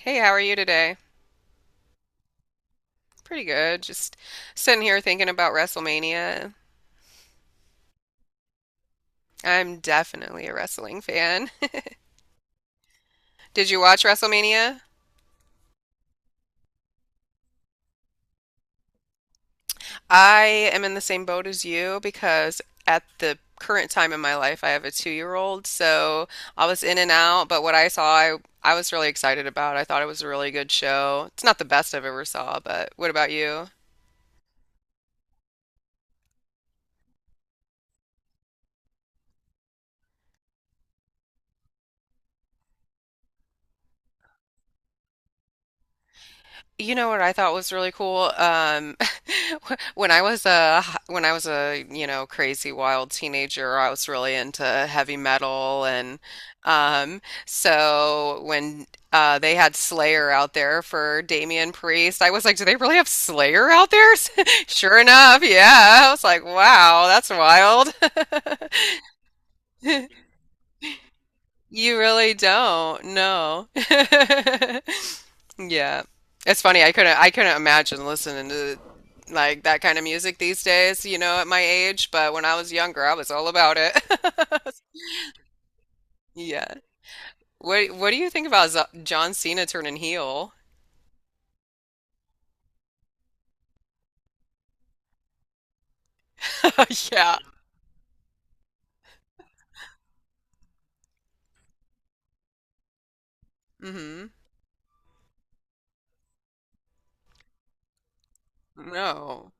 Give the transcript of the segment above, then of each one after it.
Hey, how are you today? Pretty good. Just sitting here thinking about WrestleMania. I'm definitely a wrestling fan. Did you watch WrestleMania? I am in the same boat as you because at the current time in my life, I have a two-year-old, so I was in and out, but what I saw, I was really excited about. I thought it was a really good show. It's not the best I've ever saw, but what about you? You know what I thought was really cool? When I was a you know crazy wild teenager, I was really into heavy metal and um, so when they had Slayer out there for Damian Priest. I was like, do they really have Slayer out there? Sure enough, yeah. I was like, wow, that's wild. You really don't, no. Yeah. It's funny, I couldn't imagine listening to like that kind of music these days, you know, at my age, but when I was younger, I was all about it. Yeah. What do you think about Z John Cena turning heel? Yeah. hmm No.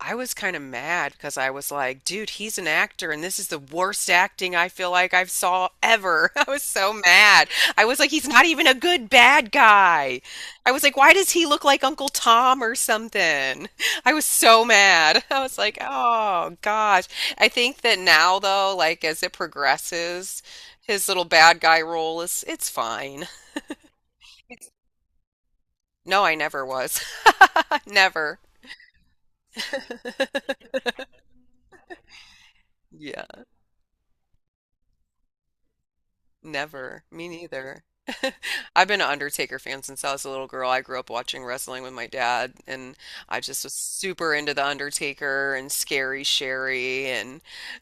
I was kind of mad because I was like, dude, he's an actor and this is the worst acting I feel like I've saw ever. I was so mad. I was like, he's not even a good bad guy. I was like, why does he look like Uncle Tom or something? I was so mad. I was like, oh gosh. I think that now though, like as it progresses, his little bad guy role is it's fine. No, I never was. Never. Yeah. Never. Me neither. I've been an Undertaker fan since I was a little girl. I grew up watching wrestling with my dad, and I just was super into the Undertaker and Scary Sherry, and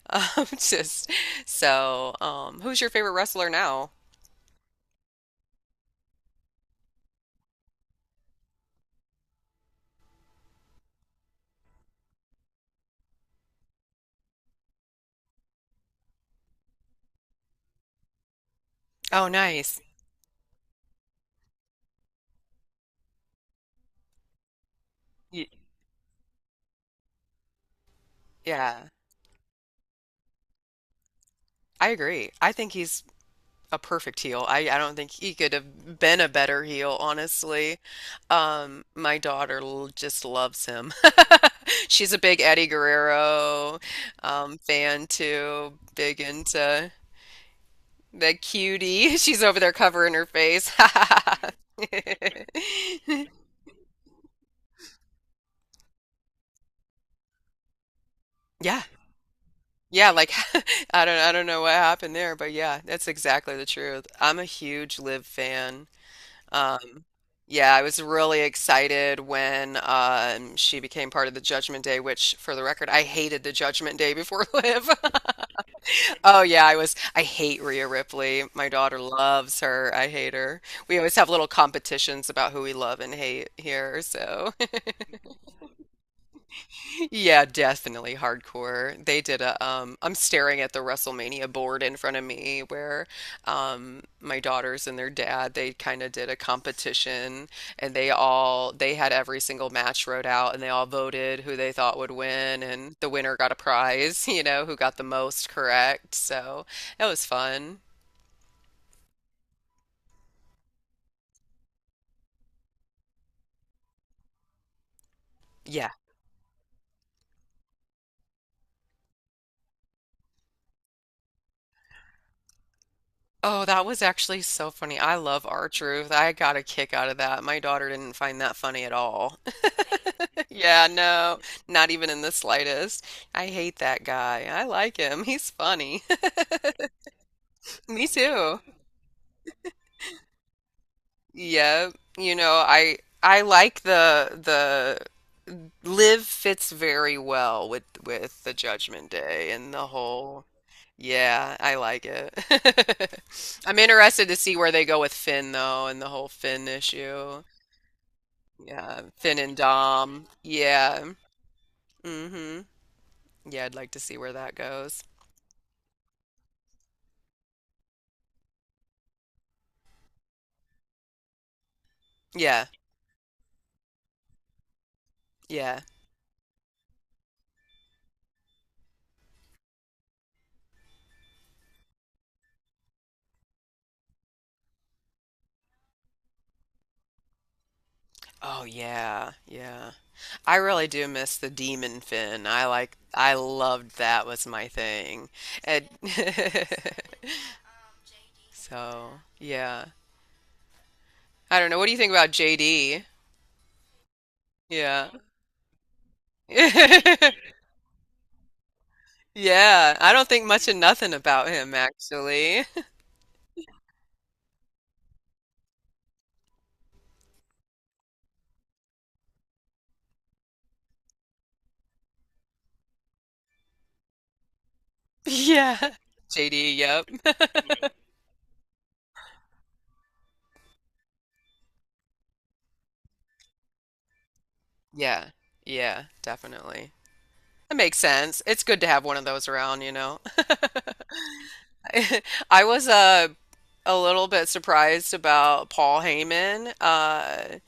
just so. Who's your favorite wrestler now? Oh, nice. Y- Yeah, I agree. I think he's a perfect heel. I don't think he could have been a better heel, honestly. My daughter just loves him. She's a big Eddie Guerrero fan too, big into the cutie. She's over there covering her face. Yeah. Yeah, like I don't know what happened there, but yeah, that's exactly the truth. I'm a huge Liv fan. Um, Yeah, I was really excited when she became part of the Judgment Day, which, for the record, I hated the Judgment Day before Liv. Oh, yeah, I was. I hate Rhea Ripley. My daughter loves her. I hate her. We always have little competitions about who we love and hate here, so. Yeah, definitely hardcore. They did a I'm staring at the WrestleMania board in front of me where my daughters and their dad, they kind of did a competition and they had every single match wrote out and they all voted who they thought would win and the winner got a prize, you know, who got the most correct. So, that was fun. Yeah. Oh, that was actually so funny. I love R-Truth. I got a kick out of that. My daughter didn't find that funny at all. Yeah, no, not even in the slightest. I hate that guy. I like him. He's funny. Me too. Yeah, you know, I like the Live fits very well with the Judgment Day and the whole. Yeah, I like it. I'm interested to see where they go with Finn though and the whole Finn issue. Yeah, Finn and Dom. Yeah. hmm Yeah, I'd like to see where that goes. Yeah. Yeah. Oh yeah, yeah. I really do miss the Demon Fin. I like I loved that was my thing. And so, yeah. I don't know. What do you think about JD? Yeah. Yeah. I don't think much of nothing about him actually. Yeah. JD, yep. Yeah. Yeah, definitely. That makes sense. It's good to have one of those around, you know. I was a little bit surprised about Paul Heyman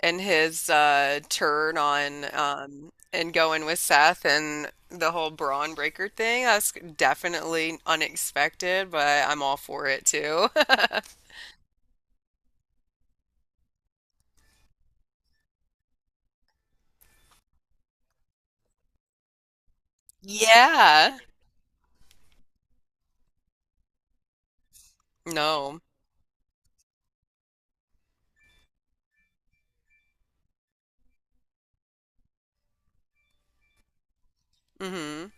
and his turn on and going with Seth and the whole Braun Breaker thing. That's definitely unexpected, but I'm all for it too. Yeah. No. mm hmm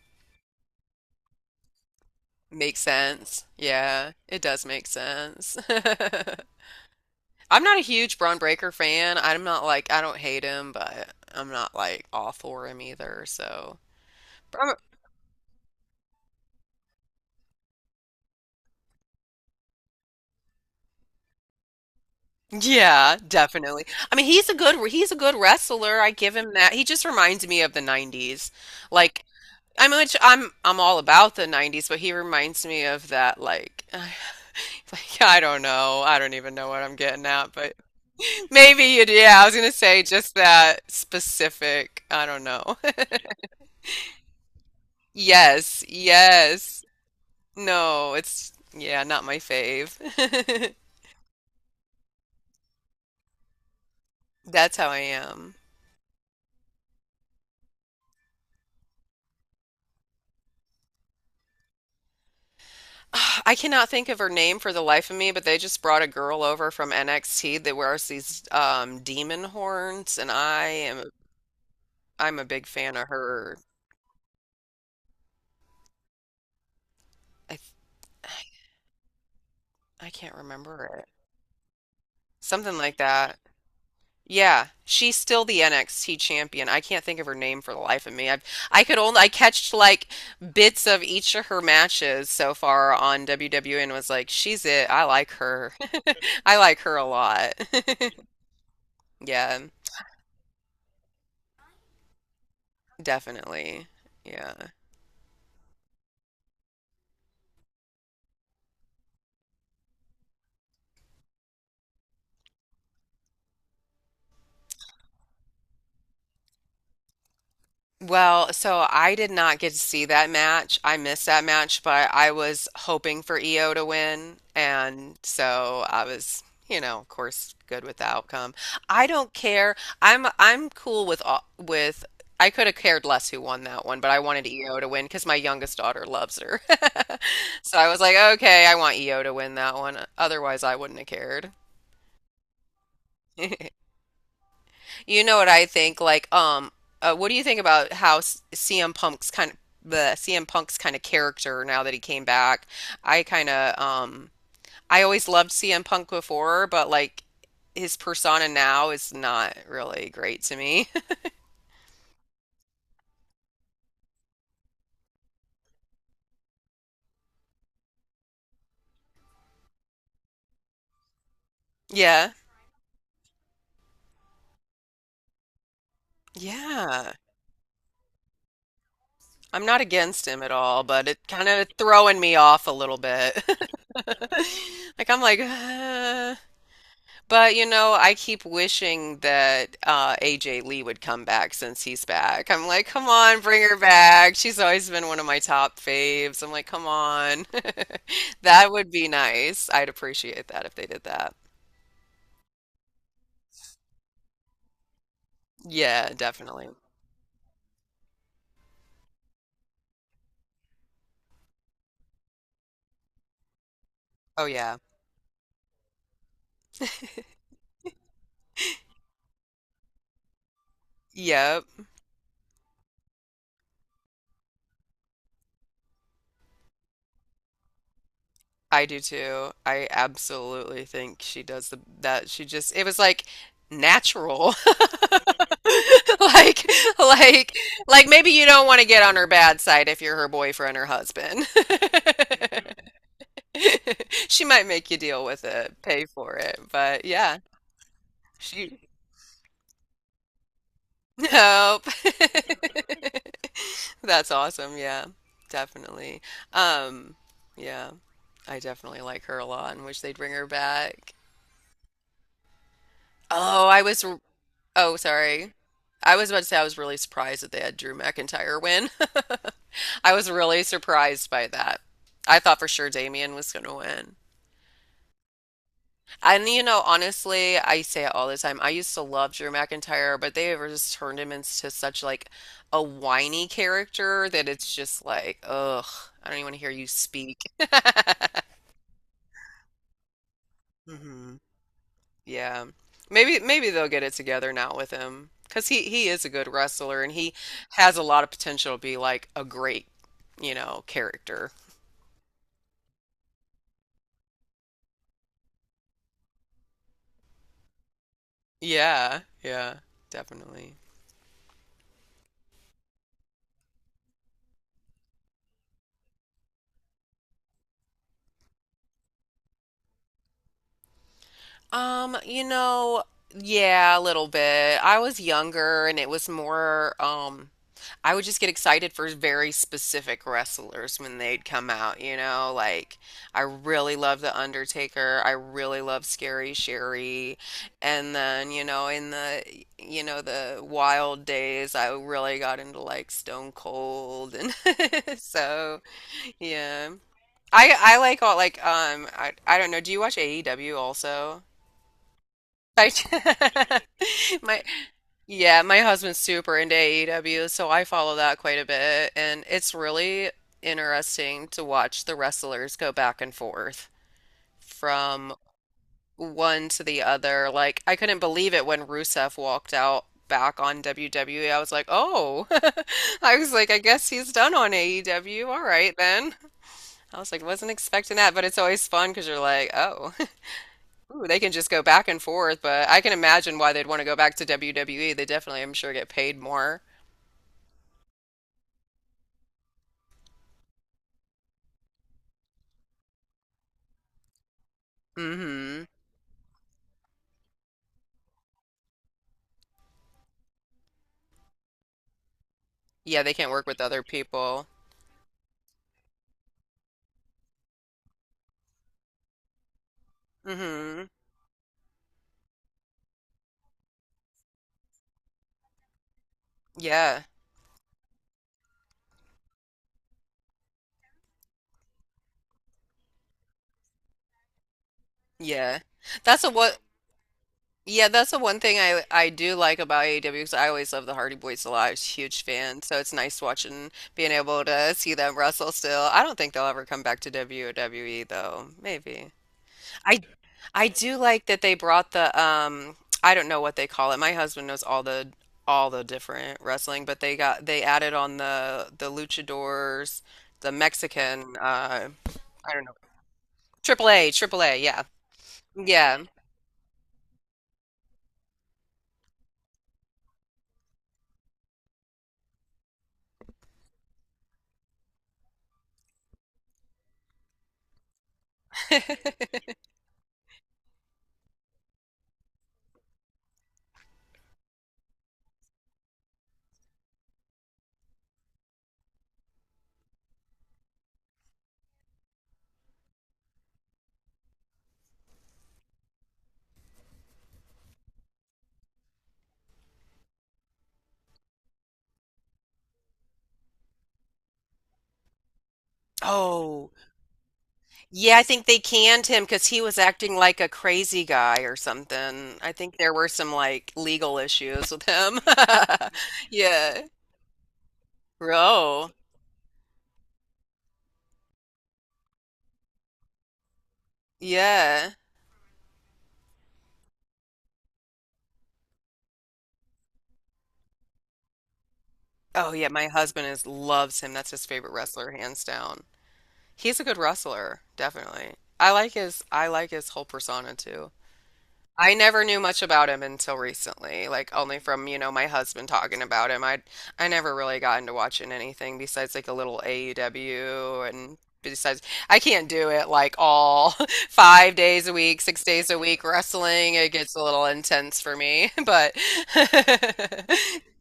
Makes sense. Yeah, it does make sense. I'm not a huge Braun Breaker fan. I'm not like I don't hate him, but I'm not like all for him either. So, but I'm yeah, definitely. I mean, he's a good wrestler. I give him that. He just reminds me of the 90s. Like I'm much I'm all about the 90s, but he reminds me of that like like I don't know. I don't even know what I'm getting at, but maybe you do. Yeah, I was gonna say just that specific, I don't know. Yes, yes. No, it's yeah, not my fave. That's how I am. I cannot think of her name for the life of me, but they just brought a girl over from NXT that wears these demon horns, and I'm a big fan of her. I I can't remember it. Something like that. Yeah, she's still the NXT champion. I can't think of her name for the life of me. I could only I catched like bits of each of her matches so far on WWE and was like, she's it. I like her. I like her a lot. Yeah. Definitely. Yeah. Well, so I did not get to see that match. I missed that match, but I was hoping for EO to win. And so I was, you know, of course, good with the outcome. I don't care. I'm cool with all, with I could have cared less who won that one, but I wanted EO to win because my youngest daughter loves her. So I was like, okay, I want EO to win that one. Otherwise, I wouldn't have cared. You know what I think? Like, what do you think about how CM Punk's kind of character now that he came back? I kind of, I always loved CM Punk before, but like his persona now is not really great to me. Yeah, yeah. I'm not against him at all, but it kind of throwing me off a little bit. Like I'm like, But you know, I keep wishing that AJ Lee would come back since he's back. I'm like, come on, bring her back. She's always been one of my top faves. I'm like, come on. That would be nice. I'd appreciate that if they did that. Yeah, definitely. Oh yeah. Yep. I do too. I absolutely think she does the that she just it was like natural. Like like like maybe you don't want to get on her bad side if you're her boyfriend or husband. She might make you deal with it, pay for it, but yeah, she nope. That's awesome. Yeah, definitely. Um, yeah, I definitely like her a lot and wish they'd bring her back. Oh, I was. Oh, sorry. I was about to say I was really surprised that they had Drew McIntyre win. I was really surprised by that. I thought for sure Damian was going to win. And you know, honestly, I say it all the time. I used to love Drew McIntyre, but they ever just turned him into such like a whiny character that it's just like, ugh, I don't even want to hear you speak. Yeah. Maybe they'll get it together now with him because he is a good wrestler and he has a lot of potential to be like a great, you know, character. Yeah, yeah, definitely. You know, yeah, a little bit. I was younger and it was more, I would just get excited for very specific wrestlers when they'd come out, you know, like I really love The Undertaker, I really love Scary Sherry, and then, you know, in the, you know, the wild days, I really got into like Stone Cold and so, yeah. I like all like I don't know, do you watch AEW also? I my yeah, my husband's super into AEW, so I follow that quite a bit, and it's really interesting to watch the wrestlers go back and forth from one to the other. Like I couldn't believe it when Rusev walked out back on WWE. I was like, "Oh." I was like, "I guess he's done on AEW. All right then." I was like, "Wasn't expecting that," but it's always fun because you're like, "Oh. Ooh, they can just go back and forth," but I can imagine why they'd want to go back to WWE. They definitely, I'm sure, get paid more. Hmm Yeah, they can't work with other people. Hmm Yeah. Yeah. That's a what yeah, that's the one thing I do like about AEW because I always love the Hardy Boys a lot. I was a huge fan, so it's nice watching being able to see them wrestle still. I don't think they'll ever come back to WWE though. Maybe. I I do like that they brought the I don't know what they call it. My husband knows all the different wrestling, but they added on the luchadors, the Mexican I don't know. Triple A, Triple A, yeah. Yeah. Oh, yeah, I think they canned him because he was acting like a crazy guy or something. I think there were some like legal issues with him. Yeah. Ro. Yeah. Oh, yeah, my husband is loves him. That's his favorite wrestler, hands down. He's a good wrestler, definitely. I like his whole persona too. I never knew much about him until recently, like only from, you know, my husband talking about him. I never really got into watching anything besides like a little AEW and besides I can't do it like all 5 days a week, 6 days a week wrestling. It gets a little intense for me, but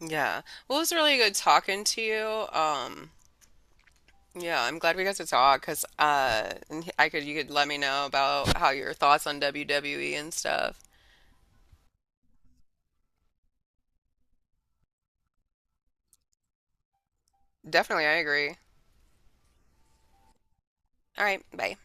yeah. Well, it was really good talking to you. Yeah, I'm glad we got to talk because and I could you could let me know about how your thoughts on WWE and stuff. Definitely, I agree. All right, bye.